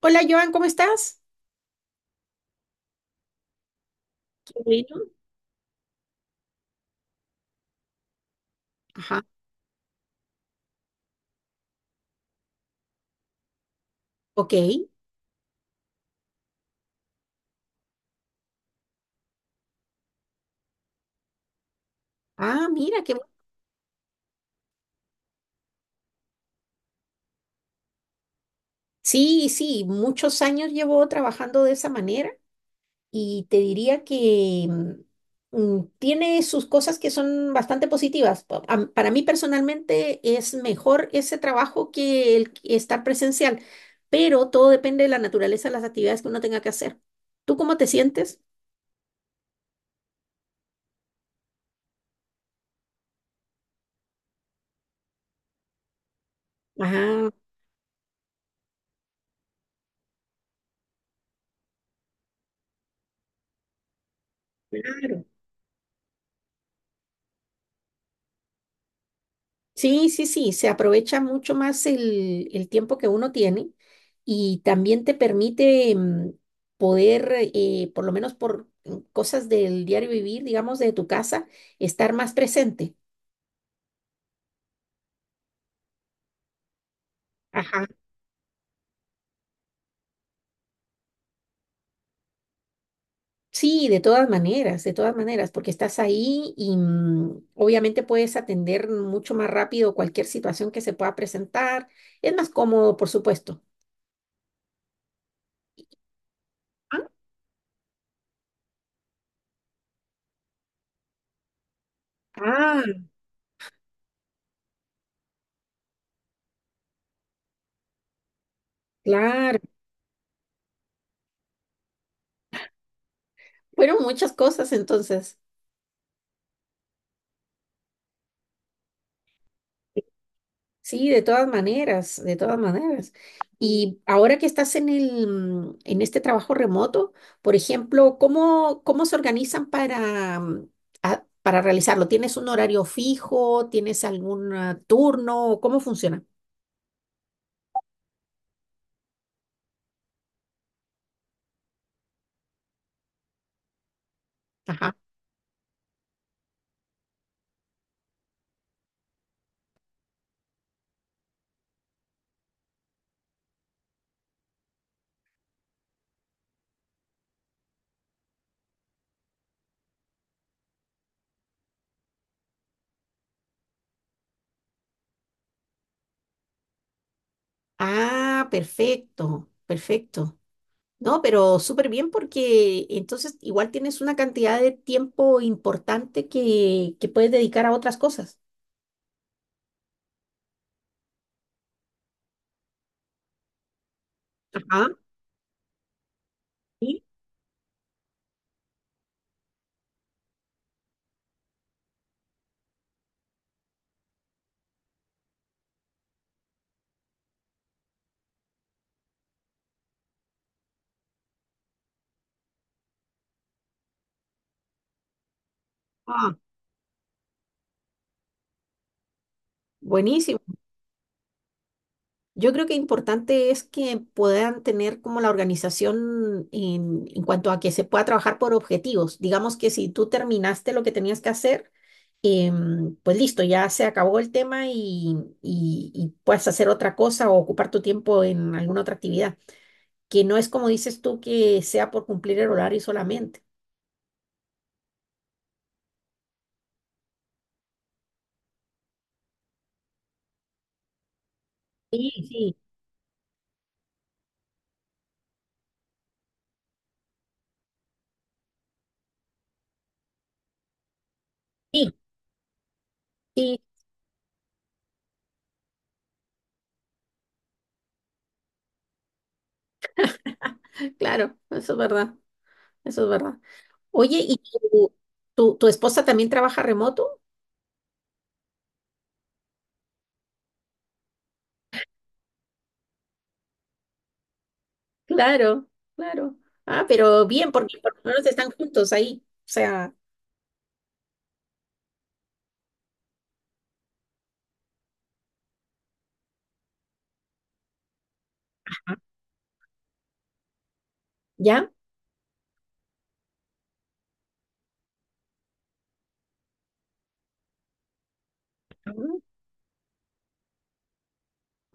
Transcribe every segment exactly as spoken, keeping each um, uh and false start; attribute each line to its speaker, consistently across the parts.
Speaker 1: Hola Joan, ¿cómo estás? Qué bueno. Ajá, ok. Ah, mira, qué bueno. Sí, sí, muchos años llevo trabajando de esa manera y te diría que mm, mm, tiene sus cosas que son bastante positivas. Pa- am- Para mí personalmente es mejor ese trabajo que el que estar presencial, pero todo depende de la naturaleza de las actividades que uno tenga que hacer. ¿Tú cómo te sientes? Ah, claro. Sí, sí, sí, se aprovecha mucho más el, el tiempo que uno tiene y también te permite mm, poder, eh, por lo menos por mm, cosas del diario vivir, digamos, de tu casa, estar más presente. Ajá. Sí, de todas maneras, de todas maneras, porque estás ahí y mm, obviamente puedes atender mucho más rápido cualquier situación que se pueda presentar. Es más cómodo, por supuesto. Ah. Ah, claro. Fueron muchas cosas entonces. Sí, de todas maneras, de todas maneras. Y ahora que estás en el, mm, en este trabajo remoto, por ejemplo, ¿cómo, cómo se organizan para, mm, a- para realizarlo? ¿Tienes un horario fijo? ¿Tienes algún ah, turno? ¿Cómo funciona? Ajá. Ah, perfecto, perfecto. No, pero súper bien porque entonces igual tienes una cantidad de tiempo importante que, que puedes dedicar a otras cosas. Ajá. Sí. Ah, buenísimo. Yo creo que importante es que puedan tener como la organización en, en cuanto a que se pueda trabajar por objetivos. Digamos que si tú terminaste lo que tenías que hacer, em, pues listo, ya se acabó el tema y, y- y puedes hacer otra cosa o ocupar tu tiempo en alguna otra actividad, que no es como dices tú que sea por cumplir el horario solamente. Sí, sí, sí, sí, claro, eso es verdad, eso es verdad. Oye, ¿y tu, tu tu esposa también trabaja remoto? Claro, claro. Ah, pero bien, porque por lo menos están juntos ahí. O sea, ¿ya? Ujú.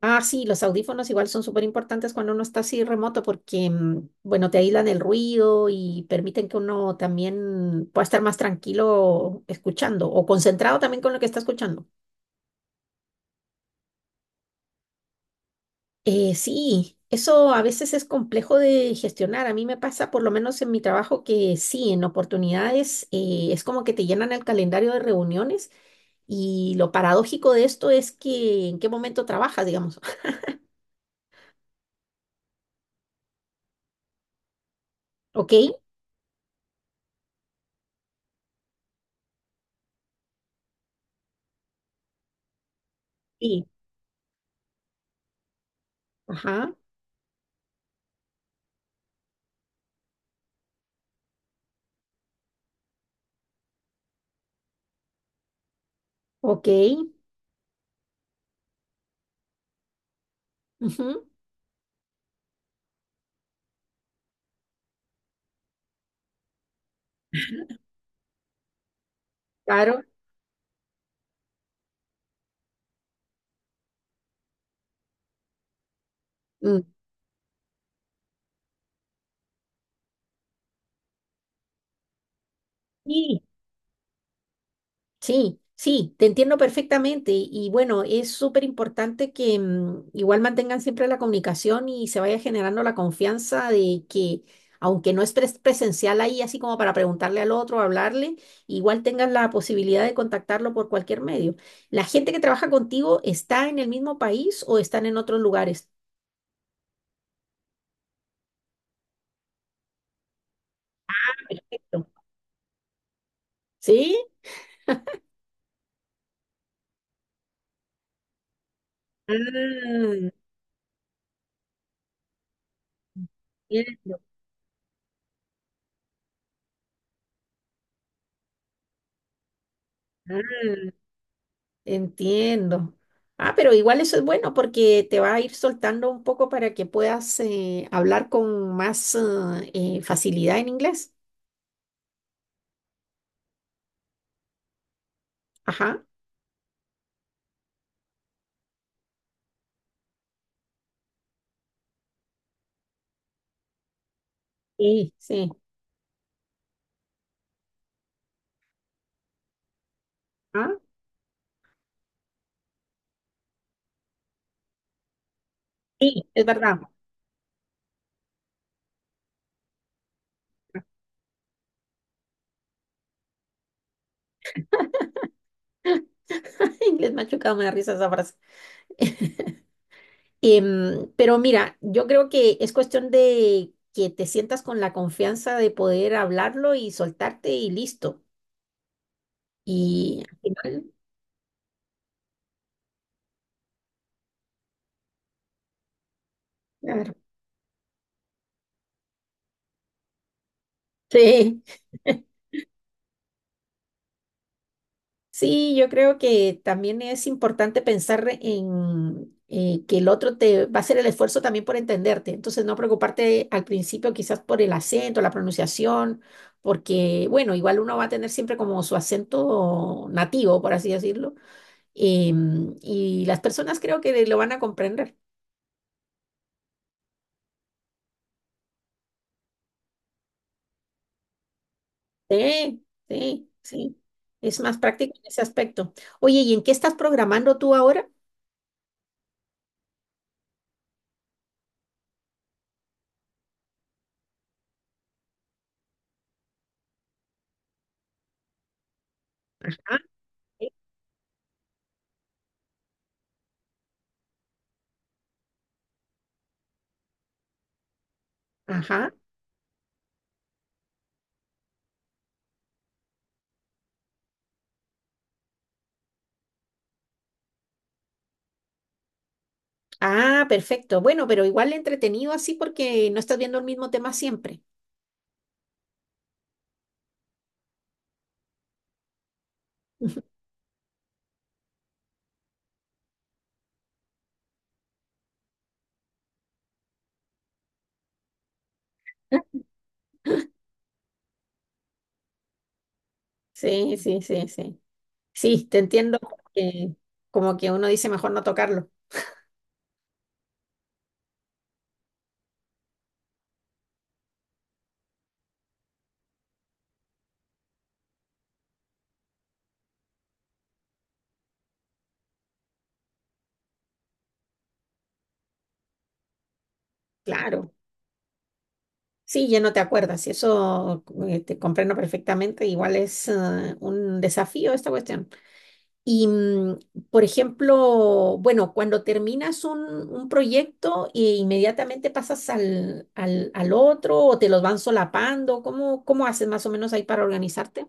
Speaker 1: Ah, sí, los audífonos igual son súper importantes cuando uno está así remoto porque, mm, bueno, te aíslan el ruido y permiten que uno también pueda estar más tranquilo escuchando o concentrado también con lo que está escuchando. Eh, sí, eso a veces es complejo de gestionar. A mí me pasa, por lo menos en mi trabajo, que sí, en oportunidades eh, es como que te llenan el calendario de reuniones y lo paradójico de esto es que en qué momento trabajas, digamos. ¿Ok? Sí. Ajá. Ok. Ujú. Claro. Mm. Sí. Sí, sí, te entiendo perfectamente y, y bueno, es súper importante que mm, igual mantengan siempre la comunicación y se vaya generando la confianza de que aunque no es pres- presencial ahí, así como para preguntarle al otro, hablarle, igual tengas la posibilidad de contactarlo por cualquier medio. ¿La gente que trabaja contigo está en el mismo país o están en otros lugares? Perfecto. ¿Sí? Ah, entiendo. Ah. Entiendo. Ah, pero igual eso es bueno porque te va a ir soltando un poco para que puedas eh, hablar con más eh, eh, facilidad en inglés. Ajá. Sí, sí. Ah, sí, es verdad. Inglés machucado, me da risa esa frase. Em, pero mira, yo creo que es cuestión de que te sientas con la confianza de poder hablarlo y soltarte y listo. Y al final, claro. Sí. Sí, yo creo que también es importante pensar en eh, que el otro te va a hacer el esfuerzo también por entenderte. Entonces, no preocuparte al principio quizás por el acento, la pronunciación, porque, bueno, igual uno va a tener siempre como su acento nativo, por así decirlo. Em, y las personas creo que lo van a comprender. Sí, sí, sí. Es más práctico en ese aspecto. Oye, ¿y en qué estás programando tú ahora? Ajá, sí, ajá. Ah, perfecto. Bueno, pero igual entretenido así porque no estás viendo el mismo tema siempre. Sí, sí, sí, sí. Sí, te entiendo que como que uno dice mejor no tocarlo. Claro. Sí, ya no te acuerdas y eso eh, te comprendo perfectamente. Igual es eh, un desafío esta cuestión. Y, mm, por ejemplo, bueno, cuando terminas un, un proyecto e inmediatamente pasas al, al, al otro o te los van solapando, ¿cómo, cómo haces más o menos ahí para organizarte?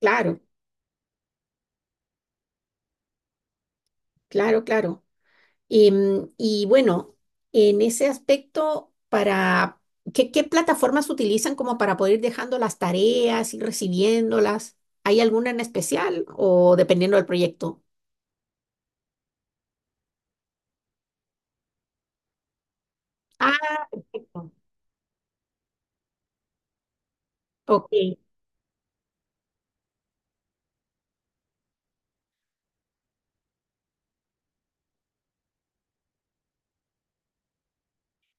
Speaker 1: Claro, claro, claro. Y, mm, y bueno, en ese aspecto, para ¿qué, qué plataformas utilizan como para poder ir dejando las tareas y recibiéndolas? ¿Hay alguna en especial o dependiendo del proyecto? Ah, perfecto. Ok.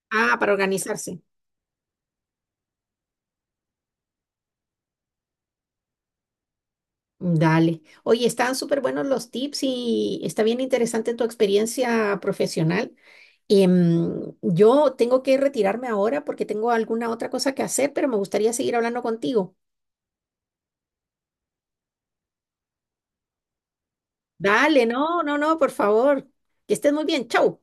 Speaker 1: Ah, para organizarse. Dale. Oye, están súper buenos los tips y está bien interesante tu experiencia profesional. Em, yo tengo que retirarme ahora porque tengo alguna otra cosa que hacer, pero me gustaría seguir hablando contigo. Dale, no, no, no, por favor. Que estés muy bien. Chau.